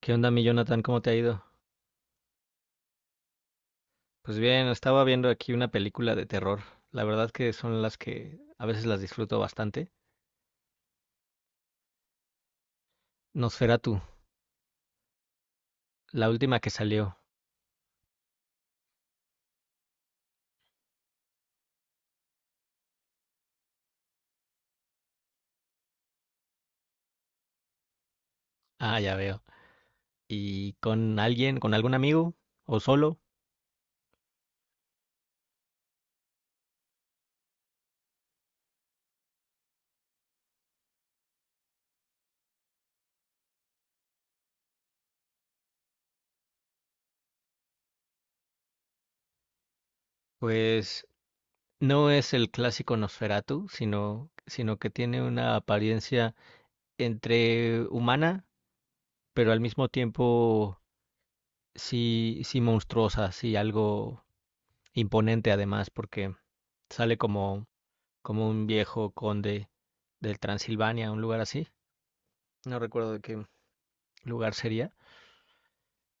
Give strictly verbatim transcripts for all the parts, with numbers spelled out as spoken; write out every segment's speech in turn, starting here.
¿Qué onda, mi Jonathan? ¿Cómo te ha ido? Pues bien, estaba viendo aquí una película de terror. La verdad que son las que a veces las disfruto bastante. Nosferatu, la última que salió. Ah, ya veo. ¿Y con alguien, con algún amigo o solo? Pues no es el clásico Nosferatu, sino, sino que tiene una apariencia entre humana, pero al mismo tiempo sí, sí monstruosa, sí algo imponente además, porque sale como como un viejo conde del Transilvania, un lugar así, no recuerdo de qué lugar sería,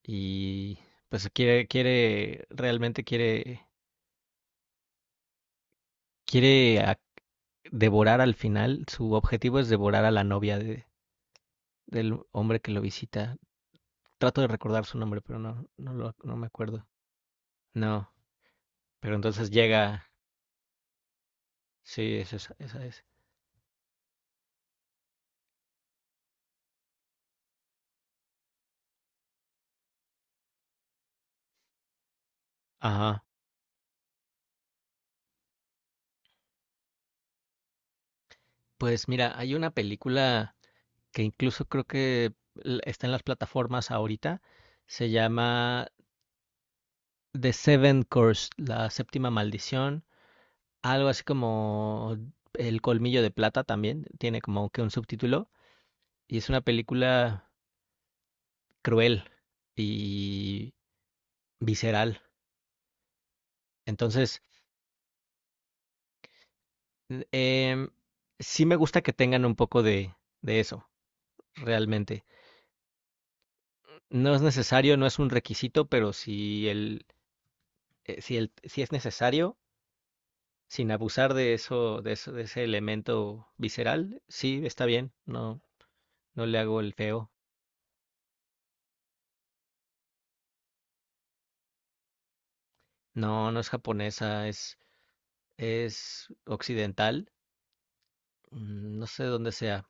y pues quiere, quiere, realmente quiere, quiere a- devorar al final, su objetivo es devorar a la novia de, del hombre que lo visita. Trato de recordar su nombre, pero no, no, lo, no me acuerdo. No, pero entonces llega, sí, es esa, esa es. Ajá. Pues mira, hay una película que incluso creo que l- está en las plataformas ahorita, se llama The Seven Curse, la séptima maldición, algo así como El colmillo de plata también, tiene como que un subtítulo, y es una película cruel y visceral. Entonces, eh, sí me gusta que tengan un poco de, de eso, realmente. No es necesario, no es un requisito, pero si el, eh, si el, si es necesario, sin abusar de eso, de eso, de ese elemento visceral, sí, está bien, no, no le hago el feo. No, no es japonesa, es, es occidental. mm, No sé dónde sea.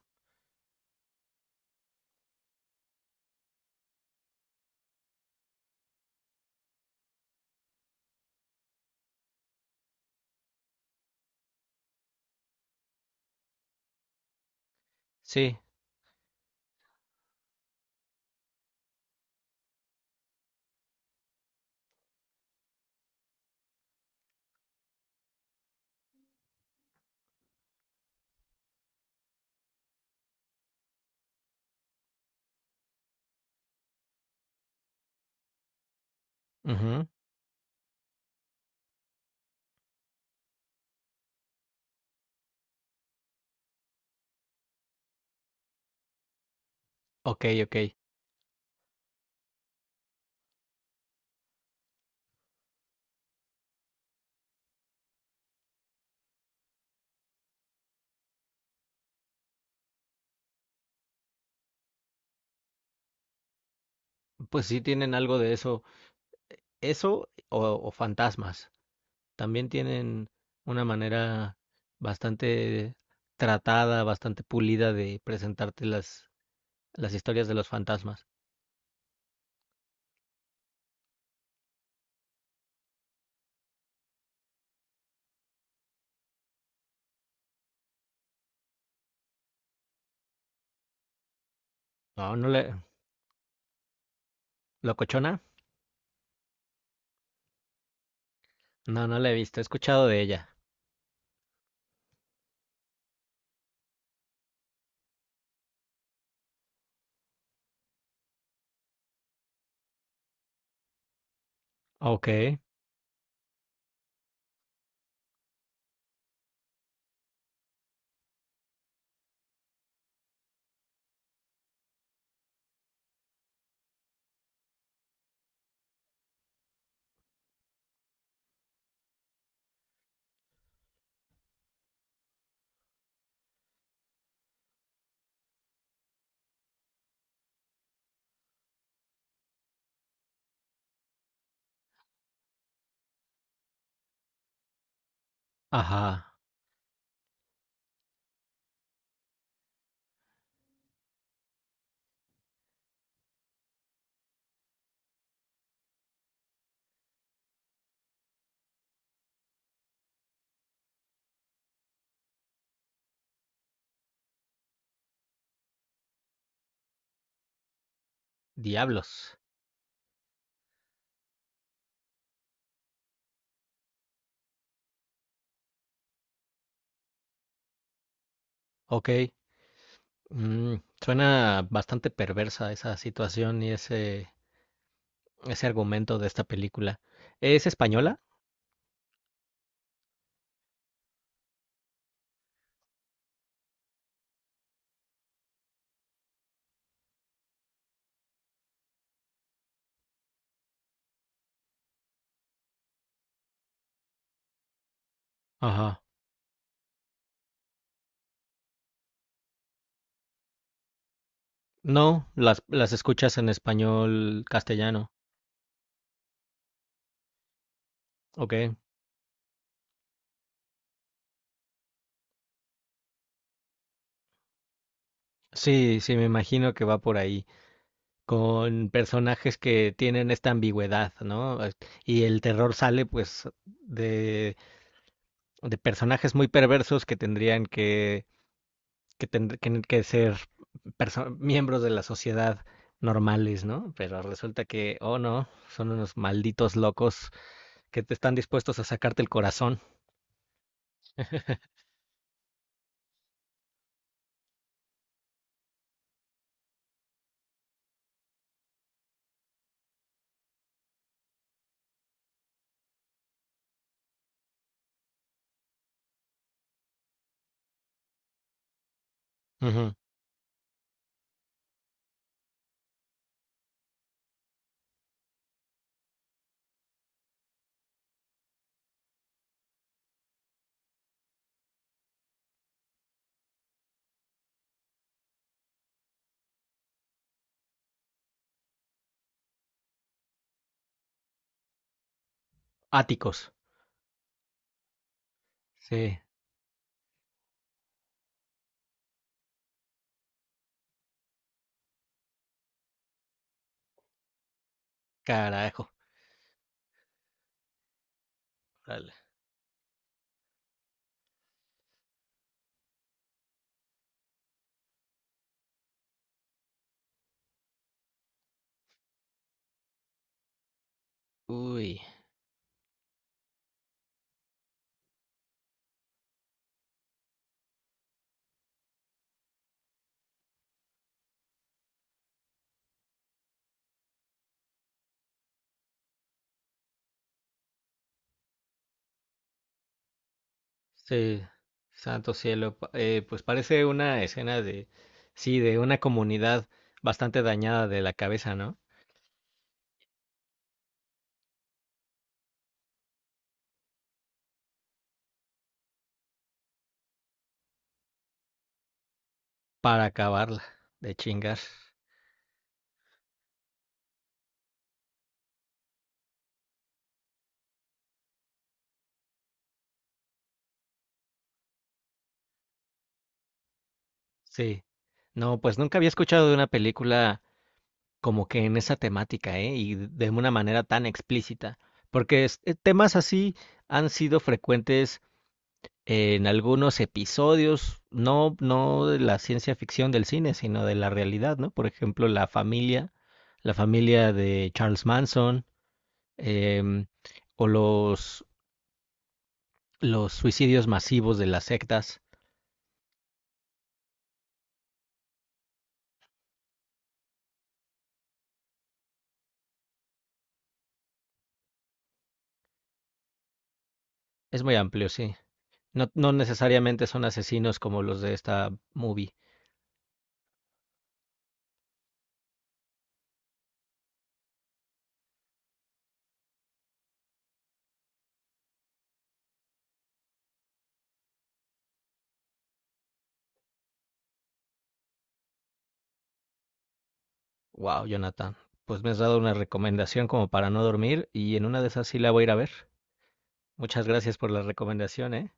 Sí. Ujú. Ok, ok. Pues sí tienen algo de eso. Eso o, o fantasmas. También tienen una manera bastante tratada, bastante pulida de presentarte las, las historias de los fantasmas. No, no le... ¿Locochona? No, no la he visto. He escuchado de ella. Ok. Ajá. Diablos. Ok. Mm, suena bastante perversa esa situación y ese, ese argumento de esta película. ¿Es española? Ajá. No, las, las escuchas en español castellano. Ok. Sí, sí, me imagino que va por ahí, con personajes que tienen esta ambigüedad, ¿no? Y el terror sale pues de, de personajes muy perversos que tendrían que, que, tend- que- que ser perso- miembros de la sociedad normales, ¿no? Pero resulta que, oh no, son unos malditos locos que te están dispuestos a sacarte el corazón. Ujú. Áticos. Sí, carajo. Órale. Uy. Sí, santo cielo. pa- eh, pues parece una escena de, sí, de una comunidad bastante dañada de la cabeza, ¿no? Para acabarla, de chingar. Sí. No, pues nunca había escuchado de una película como que en esa temática, ¿eh? Y de una manera tan explícita. Porque es- eh, temas así han sido frecuentes en algunos episodios, no, no de la ciencia ficción del cine, sino de la realidad, ¿no? Por ejemplo, la familia, la familia de Charles Manson, em, o los, los suicidios masivos de las sectas. Es muy amplio, sí. No, no necesariamente son asesinos como los de esta movie. Wow, Jonathan. Pues me has dado una recomendación como para no dormir y en una de esas sí la voy a ir a ver. Muchas gracias por la recomendación, ¿eh?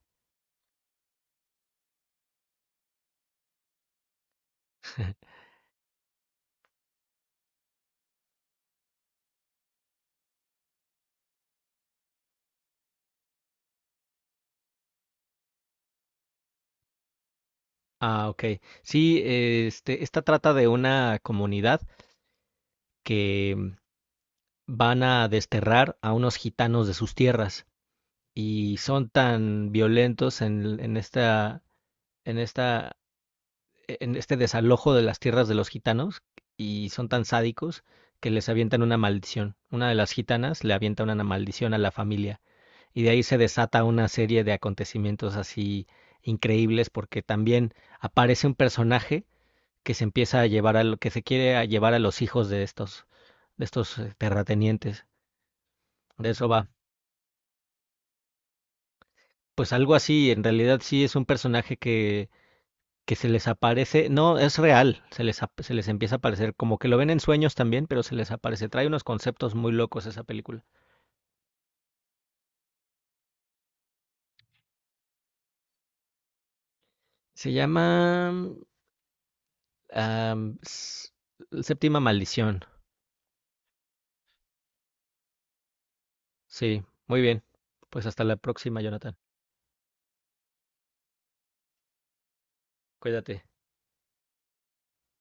Ah, ok. Sí, eh, este, esta trata de una comunidad que mm, van a desterrar a unos gitanos de sus tierras y son tan violentos en, en esta, en esta, e, en este desalojo de las tierras de los gitanos y son tan sádicos que les avientan una maldición. Una de las gitanas le avienta una maldición a la familia y de ahí se desata una serie de acontecimientos así increíbles porque también aparece un personaje que se empieza a llevar a lo que se quiere a llevar a los hijos de estos de estos eh, terratenientes. De eso va. Pues algo así, en realidad sí es un personaje que que se les aparece, no, es real, se les, ap- se les empieza a aparecer, como que lo ven en sueños también, pero se les aparece, trae unos conceptos muy locos esa película. Se llama mm, am, S- Séptima Maldición, sí, muy bien, pues hasta la próxima, Jonathan, cuídate.